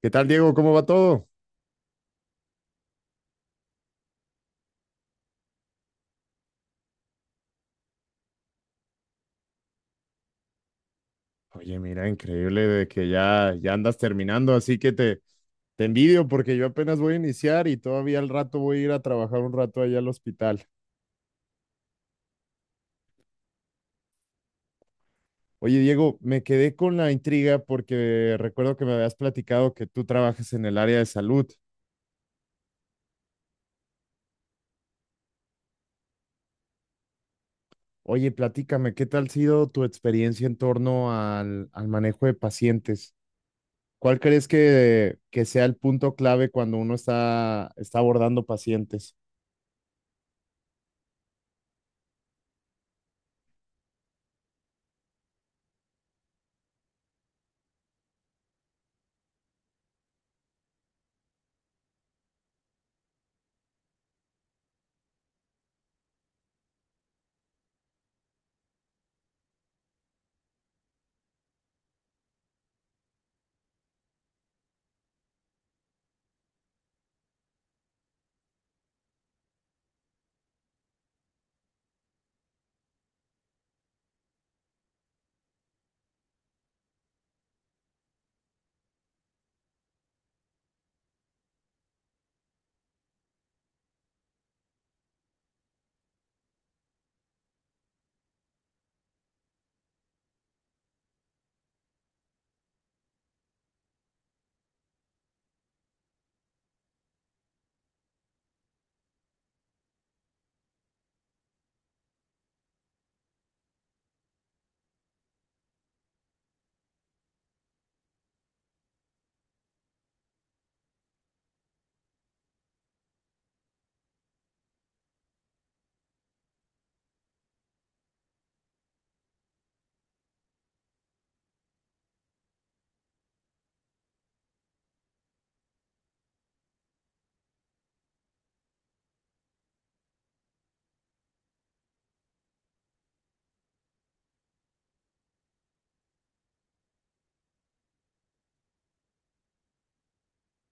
¿Qué tal, Diego? ¿Cómo va todo? Oye, mira, increíble de que ya andas terminando, así te envidio porque yo apenas voy a iniciar y todavía al rato voy a ir a trabajar un rato allá al hospital. Oye, Diego, me quedé con la intriga porque recuerdo que me habías platicado que tú trabajas en el área de salud. Oye, platícame, ¿qué tal ha sido tu experiencia en torno al manejo de pacientes? ¿Cuál crees que sea el punto clave cuando uno está abordando pacientes?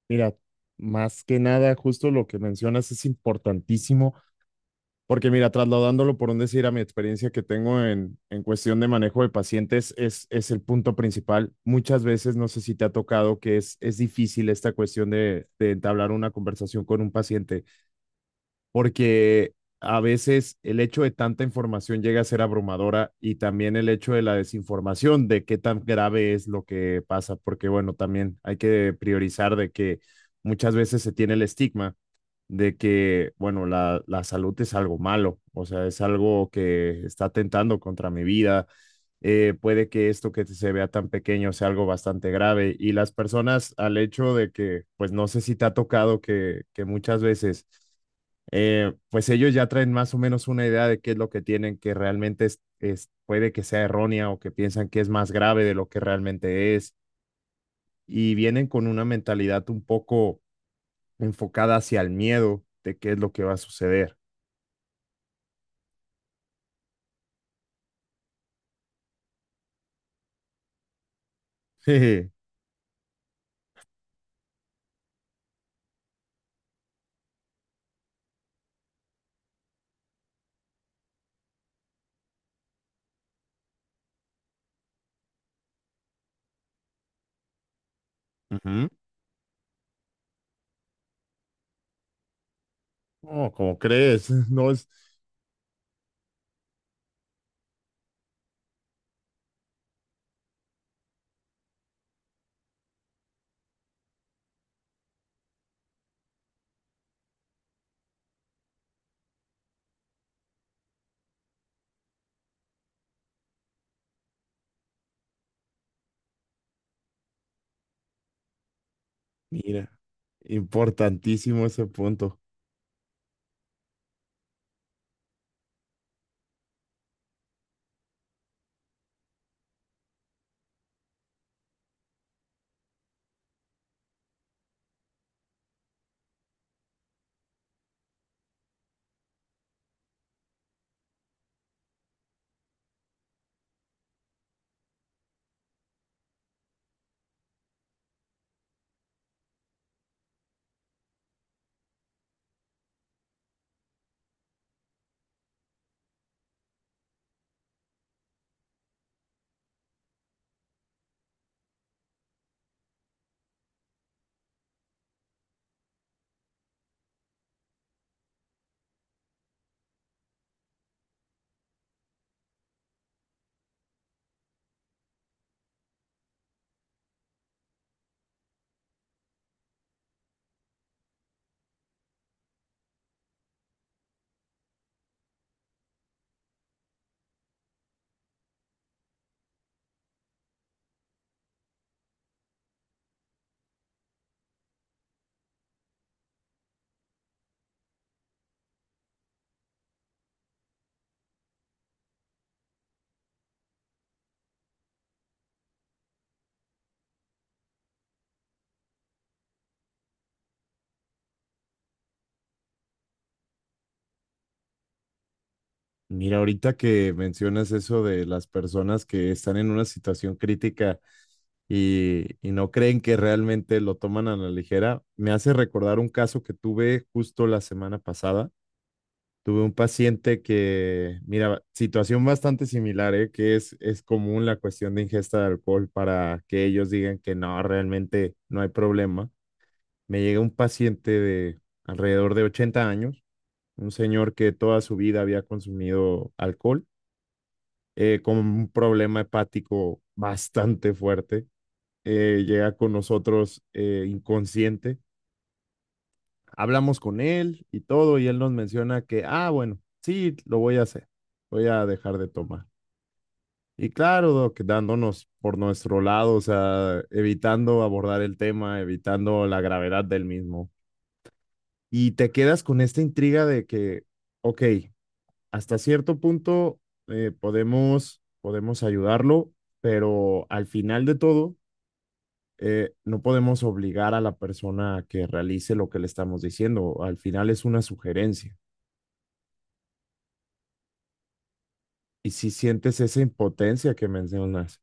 Mira, más que nada, justo lo que mencionas es importantísimo, porque mira, trasladándolo por un decir a mi experiencia que tengo en cuestión de manejo de pacientes, es el punto principal. Muchas veces, no sé si te ha tocado que es difícil esta cuestión de entablar una conversación con un paciente porque a veces el hecho de tanta información llega a ser abrumadora y también el hecho de la desinformación, de qué tan grave es lo que pasa, porque bueno, también hay que priorizar de que muchas veces se tiene el estigma de que, bueno, la salud es algo malo, o sea, es algo que está atentando contra mi vida. Puede que esto que se vea tan pequeño sea algo bastante grave y las personas al hecho de que, pues no sé si te ha tocado que muchas veces pues ellos ya traen más o menos una idea de qué es lo que tienen, que realmente es puede que sea errónea o que piensan que es más grave de lo que realmente es, y vienen con una mentalidad un poco enfocada hacia el miedo de qué es lo que va a suceder. Jeje. Ujú. No, ¿cómo crees? No es, mira, importantísimo ese punto. Mira, ahorita que mencionas eso de las personas que están en una situación crítica y no creen que realmente lo toman a la ligera, me hace recordar un caso que tuve justo la semana pasada. Tuve un paciente que, mira, situación bastante similar, ¿eh? Que es común la cuestión de ingesta de alcohol para que ellos digan que no, realmente no hay problema. Me llega un paciente de alrededor de 80 años, un señor que toda su vida había consumido alcohol con un problema hepático bastante fuerte. Llega con nosotros inconsciente. Hablamos con él y todo, y él nos menciona que, ah, bueno, sí, lo voy a hacer, voy a dejar de tomar. Y claro, Doc, dándonos por nuestro lado, o sea, evitando abordar el tema, evitando la gravedad del mismo. Y te quedas con esta intriga de que, ok, hasta cierto punto podemos, podemos ayudarlo, pero al final de todo, no podemos obligar a la persona a que realice lo que le estamos diciendo. Al final es una sugerencia. Y si sientes esa impotencia que mencionas,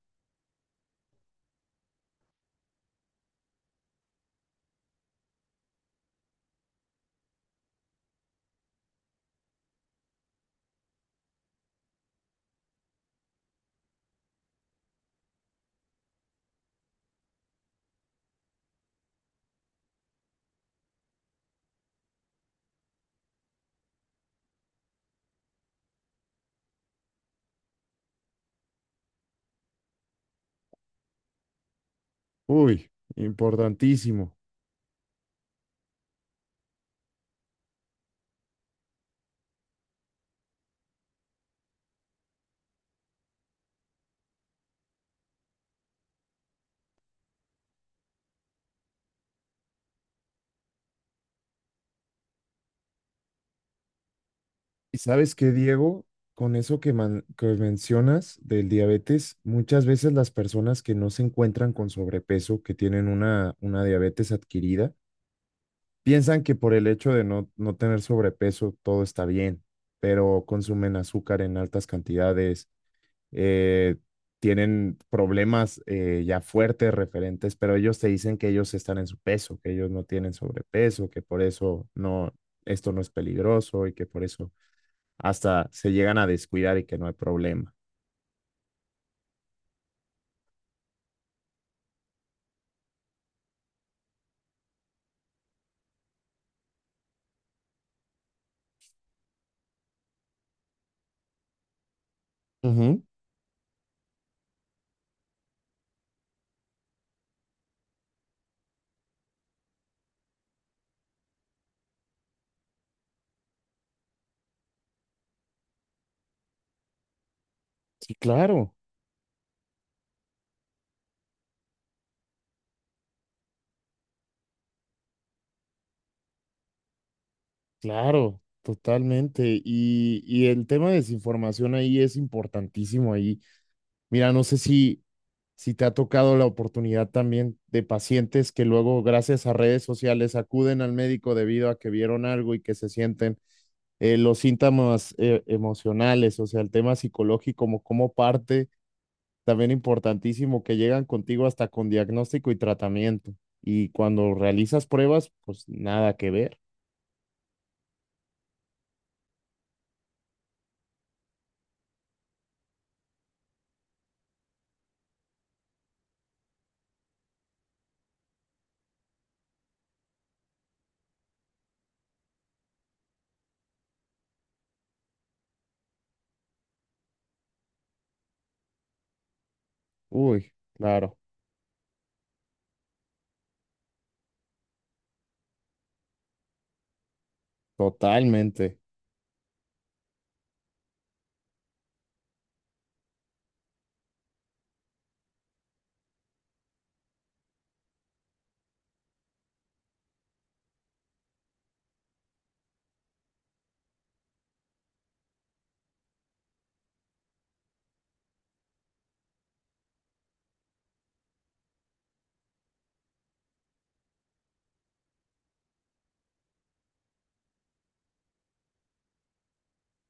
uy, importantísimo. ¿Y sabes qué, Diego? Con eso que mencionas del diabetes, muchas veces las personas que no se encuentran con sobrepeso, que tienen una diabetes adquirida, piensan que por el hecho de no tener sobrepeso todo está bien, pero consumen azúcar en altas cantidades, eh, tienen problemas ya fuertes referentes, pero ellos te dicen que ellos están en su peso, que ellos no tienen sobrepeso, que por eso no, esto no es peligroso y que por eso hasta se llegan a descuidar y que no hay problema. Ujú. Sí, claro, claro, totalmente. Y el tema de desinformación ahí es importantísimo ahí. Mira, no sé si, si te ha tocado la oportunidad también de pacientes que luego, gracias a redes sociales, acuden al médico debido a que vieron algo y que se sienten los síntomas emocionales, o sea, el tema psicológico como parte también importantísimo que llegan contigo hasta con diagnóstico y tratamiento. Y cuando realizas pruebas, pues nada que ver. Uy, claro, totalmente.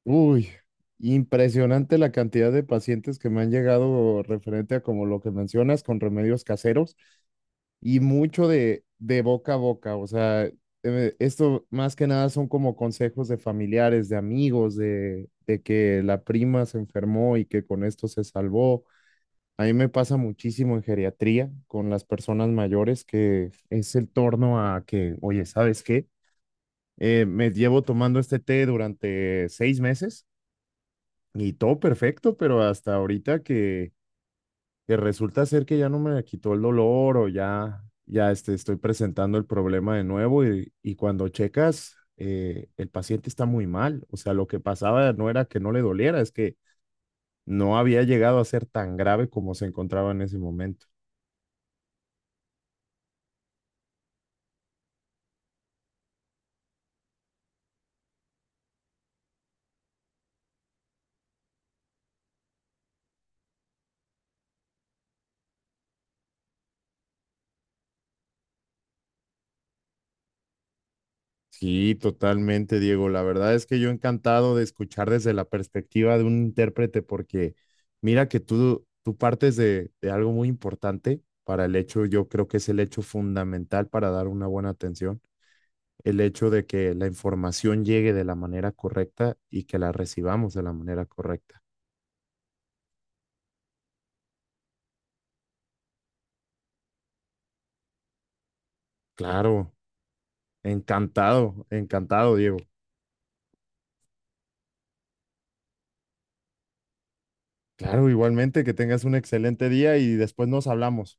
Uy, impresionante la cantidad de pacientes que me han llegado referente a como lo que mencionas con remedios caseros y mucho de boca a boca. O sea, esto más que nada son como consejos de familiares, de amigos, de que la prima se enfermó y que con esto se salvó. A mí me pasa muchísimo en geriatría con las personas mayores que es el torno a que, oye, ¿sabes qué? Me llevo tomando este té durante 6 meses y todo perfecto, pero hasta ahorita que resulta ser que ya no me quitó el dolor o ya, ya este, estoy presentando el problema de nuevo y cuando checas, el paciente está muy mal. O sea, lo que pasaba no era que no le doliera, es que no había llegado a ser tan grave como se encontraba en ese momento. Sí, totalmente, Diego. La verdad es que yo encantado de escuchar desde la perspectiva de un intérprete, porque mira que tú partes de algo muy importante para el hecho, yo creo que es el hecho fundamental para dar una buena atención, el hecho de que la información llegue de la manera correcta y que la recibamos de la manera correcta. Claro, encantado, encantado, Diego. Claro, igualmente que tengas un excelente día y después nos hablamos.